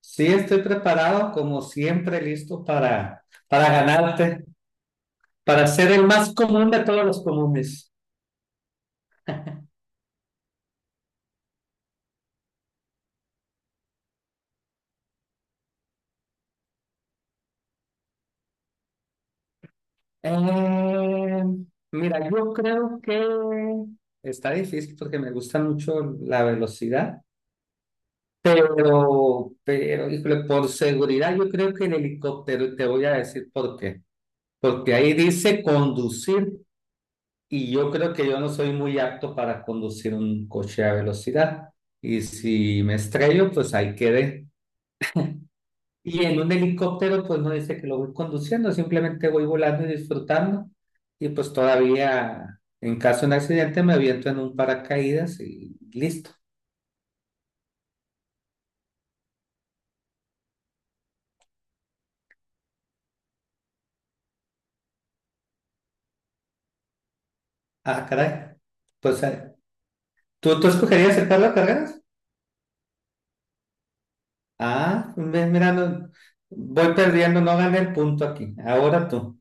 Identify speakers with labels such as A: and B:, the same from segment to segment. A: Sí, estoy preparado, como siempre, listo para ganarte, para ser el más común de todos los comunes. Eh, mira, yo creo que está difícil porque me gusta mucho la velocidad, híjole, por seguridad, yo creo que el helicóptero, y te voy a decir por qué. Porque ahí dice conducir, y yo creo que yo no soy muy apto para conducir un coche a velocidad. Y si me estrello, pues ahí quedé. Y en un helicóptero, pues no dice que lo voy conduciendo, simplemente voy volando y disfrutando. Y pues todavía, en caso de un accidente, me aviento en un paracaídas y listo. Ah, caray. Pues, ¿tú escogerías el Carlos Carreras? Ah, mira, voy perdiendo, no gané el punto aquí. Ahora tú.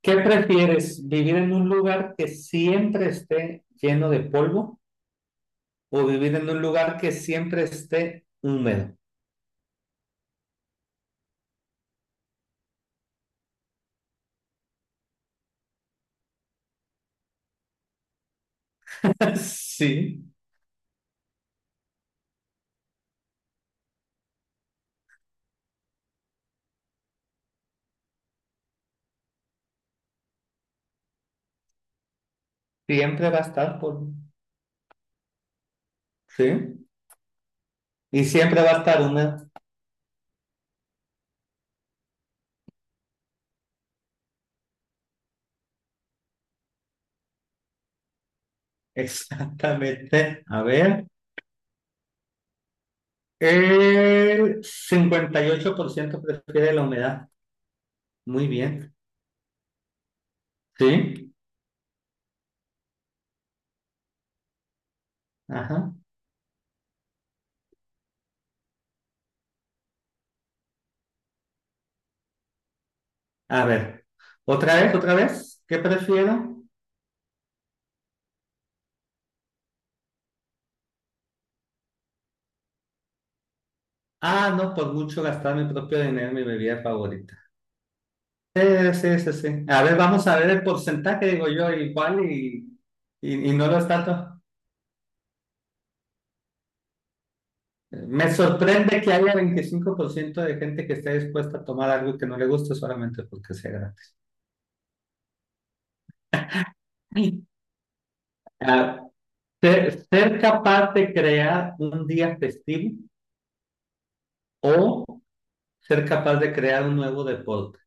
A: ¿Qué prefieres, vivir en un lugar que siempre esté lleno de polvo o vivir en un lugar que siempre esté húmedo? Sí. Siempre va a estar por, sí, y siempre va a estar una, exactamente, a ver, el 58% prefiere la humedad, muy bien, sí, ajá, a ver, ¿qué prefiero? Ah, no, por mucho gastar mi propio dinero en mi bebida favorita. Sí, sí. A ver, vamos a ver el porcentaje, digo yo, igual y no lo está todo. Me sorprende que haya 25% de gente que esté dispuesta a tomar algo que no le gusta solamente porque sea gratis. Sí. Ah, ser capaz de crear un día festivo o ser capaz de crear un nuevo deporte.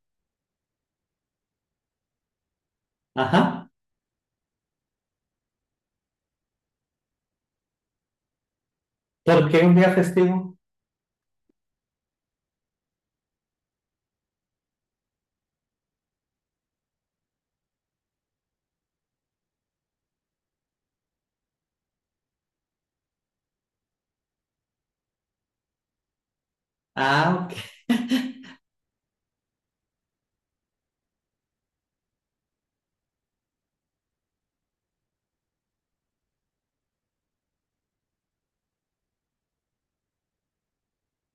A: Ajá. ¿Por qué un día festivo? Ah, ok.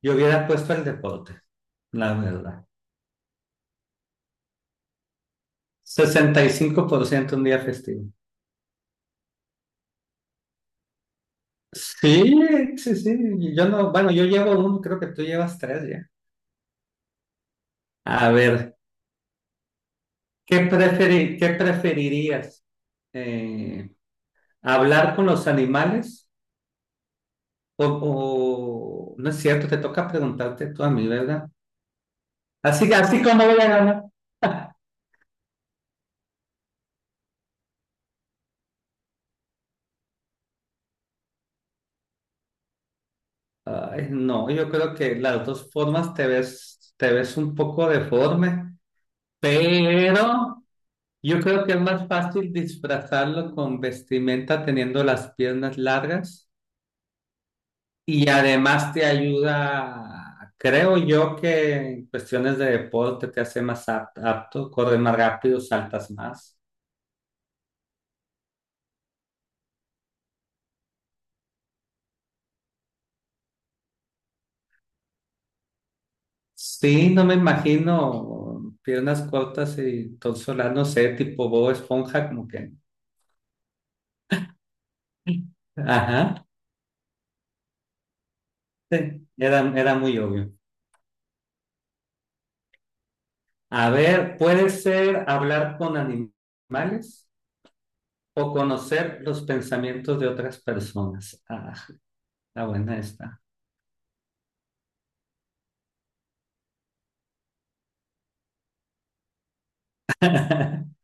A: Yo hubiera puesto el deporte, la verdad. 65% un día festivo. Sí, sí. Yo no, bueno, yo llevo uno, creo que tú llevas tres ya. A ver. ¿Qué preferirías? Eh, ¿Hablar con los animales? No es cierto, te toca preguntarte tú a mí, ¿verdad? Así como voy a ganar. Ay, no, yo creo que las dos formas te ves un poco deforme, pero yo creo que es más fácil disfrazarlo con vestimenta teniendo las piernas largas. Y además te ayuda, creo yo que en cuestiones de deporte te hace más apto, corres más rápido, saltas más. Sí, no me imagino piernas cortas y torso no sé, tipo Bob Esponja, como que... Ajá, sí, era muy obvio. A ver, puede ser hablar con animales o conocer los pensamientos de otras personas. Ah, está buena esta.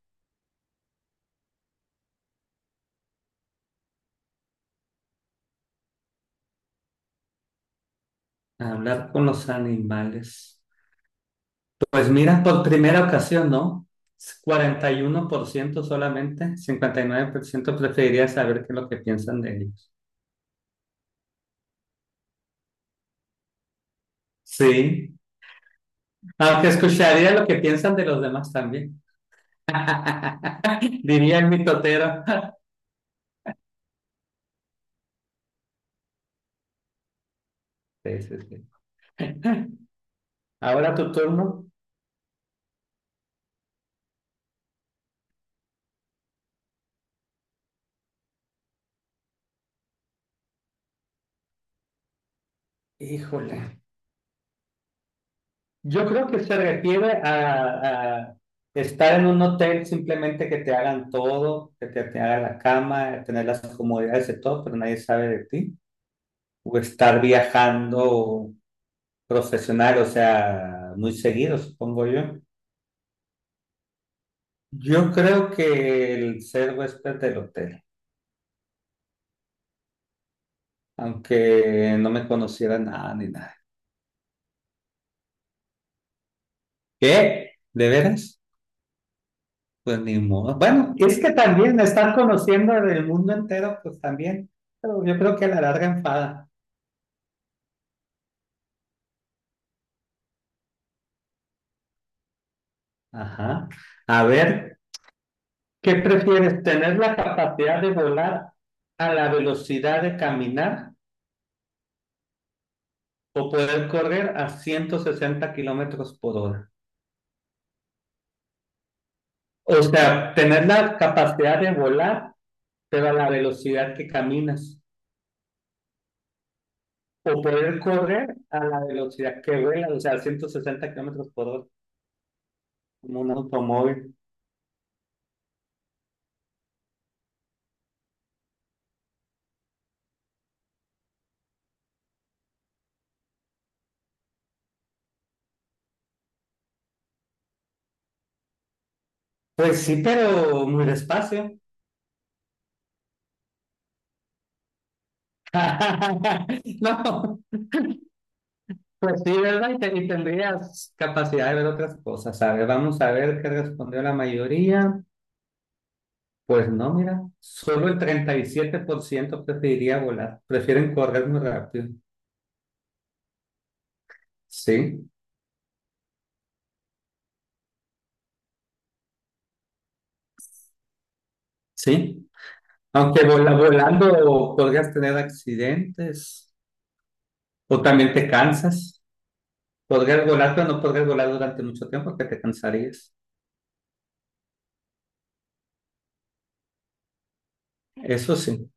A: Hablar con los animales. Pues mira, por primera ocasión, ¿no? 41% solamente, 59% preferiría saber qué es lo que piensan de ellos. Sí, aunque escucharía lo que piensan de los demás también. Diría el mitotero. Sí, sí, sí. Ahora tu turno. Híjole. Yo creo que se refiere a estar en un hotel simplemente que te hagan todo, que te hagan la cama, tener las comodidades de todo, pero nadie sabe de ti. O estar viajando profesional, o sea, muy seguido, supongo yo. Yo creo que el ser huésped del hotel, aunque no me conociera nada ni nada. ¿Qué? ¿De veras? Pues ni modo. Bueno, es que también estar conociendo del mundo entero, pues también, pero yo creo que a la larga enfada. Ajá. A ver, ¿qué prefieres? ¿Tener la capacidad de volar a la velocidad de caminar o poder correr a 160 kilómetros por hora? O sea, tener la capacidad de volar, pero a la velocidad que caminas. O poder correr a la velocidad que vuela, o sea, 160 kilómetros por hora, como un automóvil. Pues sí, pero muy despacio. No, pues sí, ¿verdad? Y, y tendrías capacidad de ver otras cosas. A ver, vamos a ver qué respondió la mayoría. Pues no, mira, solo el 37% preferiría volar, prefieren correr muy rápido. Sí, sí. Aunque volando podrías tener accidentes o también te cansas. Podrías volar, pero no podrías volar durante mucho tiempo porque te cansarías. Eso sí.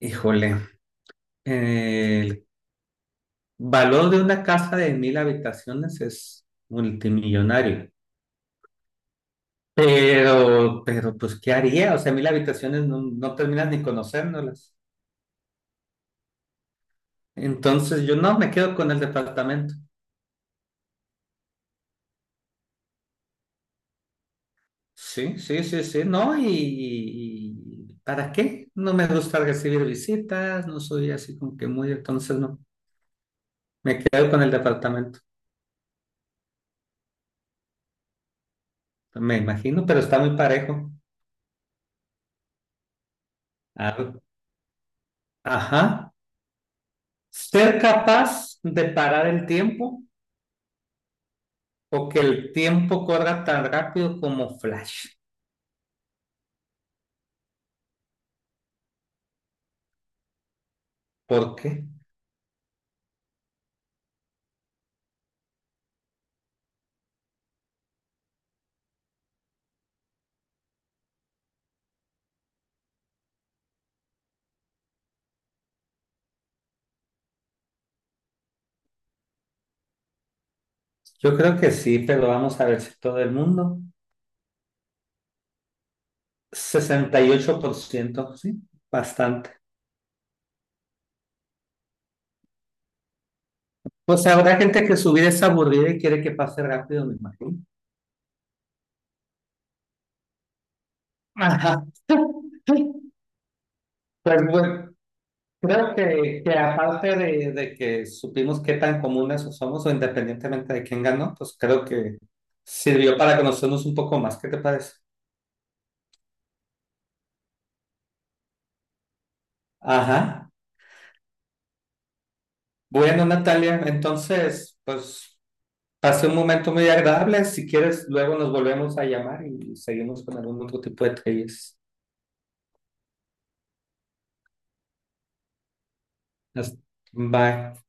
A: Híjole, el valor de una casa de mil habitaciones es multimillonario. Pues, ¿qué haría? O sea, mil habitaciones no, no terminas ni conociéndolas. Entonces yo no me quedo con el departamento. Sí, sí, sí, sí, no, y ¿para qué? No me gusta recibir visitas, no soy así como que muy, entonces no, me quedo con el departamento, me imagino, pero está muy parejo. A- Ajá, ser capaz de parar el tiempo o que el tiempo corra tan rápido como Flash. ¿Por qué? Yo creo que sí, pero vamos a ver si todo el mundo. 68%, sí, bastante. O sea, habrá gente que su vida es aburrida y quiere que pase rápido, me imagino. Ajá. Pues bueno, creo que aparte de que supimos qué tan comunes somos o independientemente de quién ganó, pues creo que sirvió para conocernos un poco más. ¿Qué te parece? Ajá. Bueno, Natalia, entonces, pues pasé un momento muy agradable. Si quieres, luego nos volvemos a llamar y seguimos con algún otro tipo de trivias. Hasta- Bye.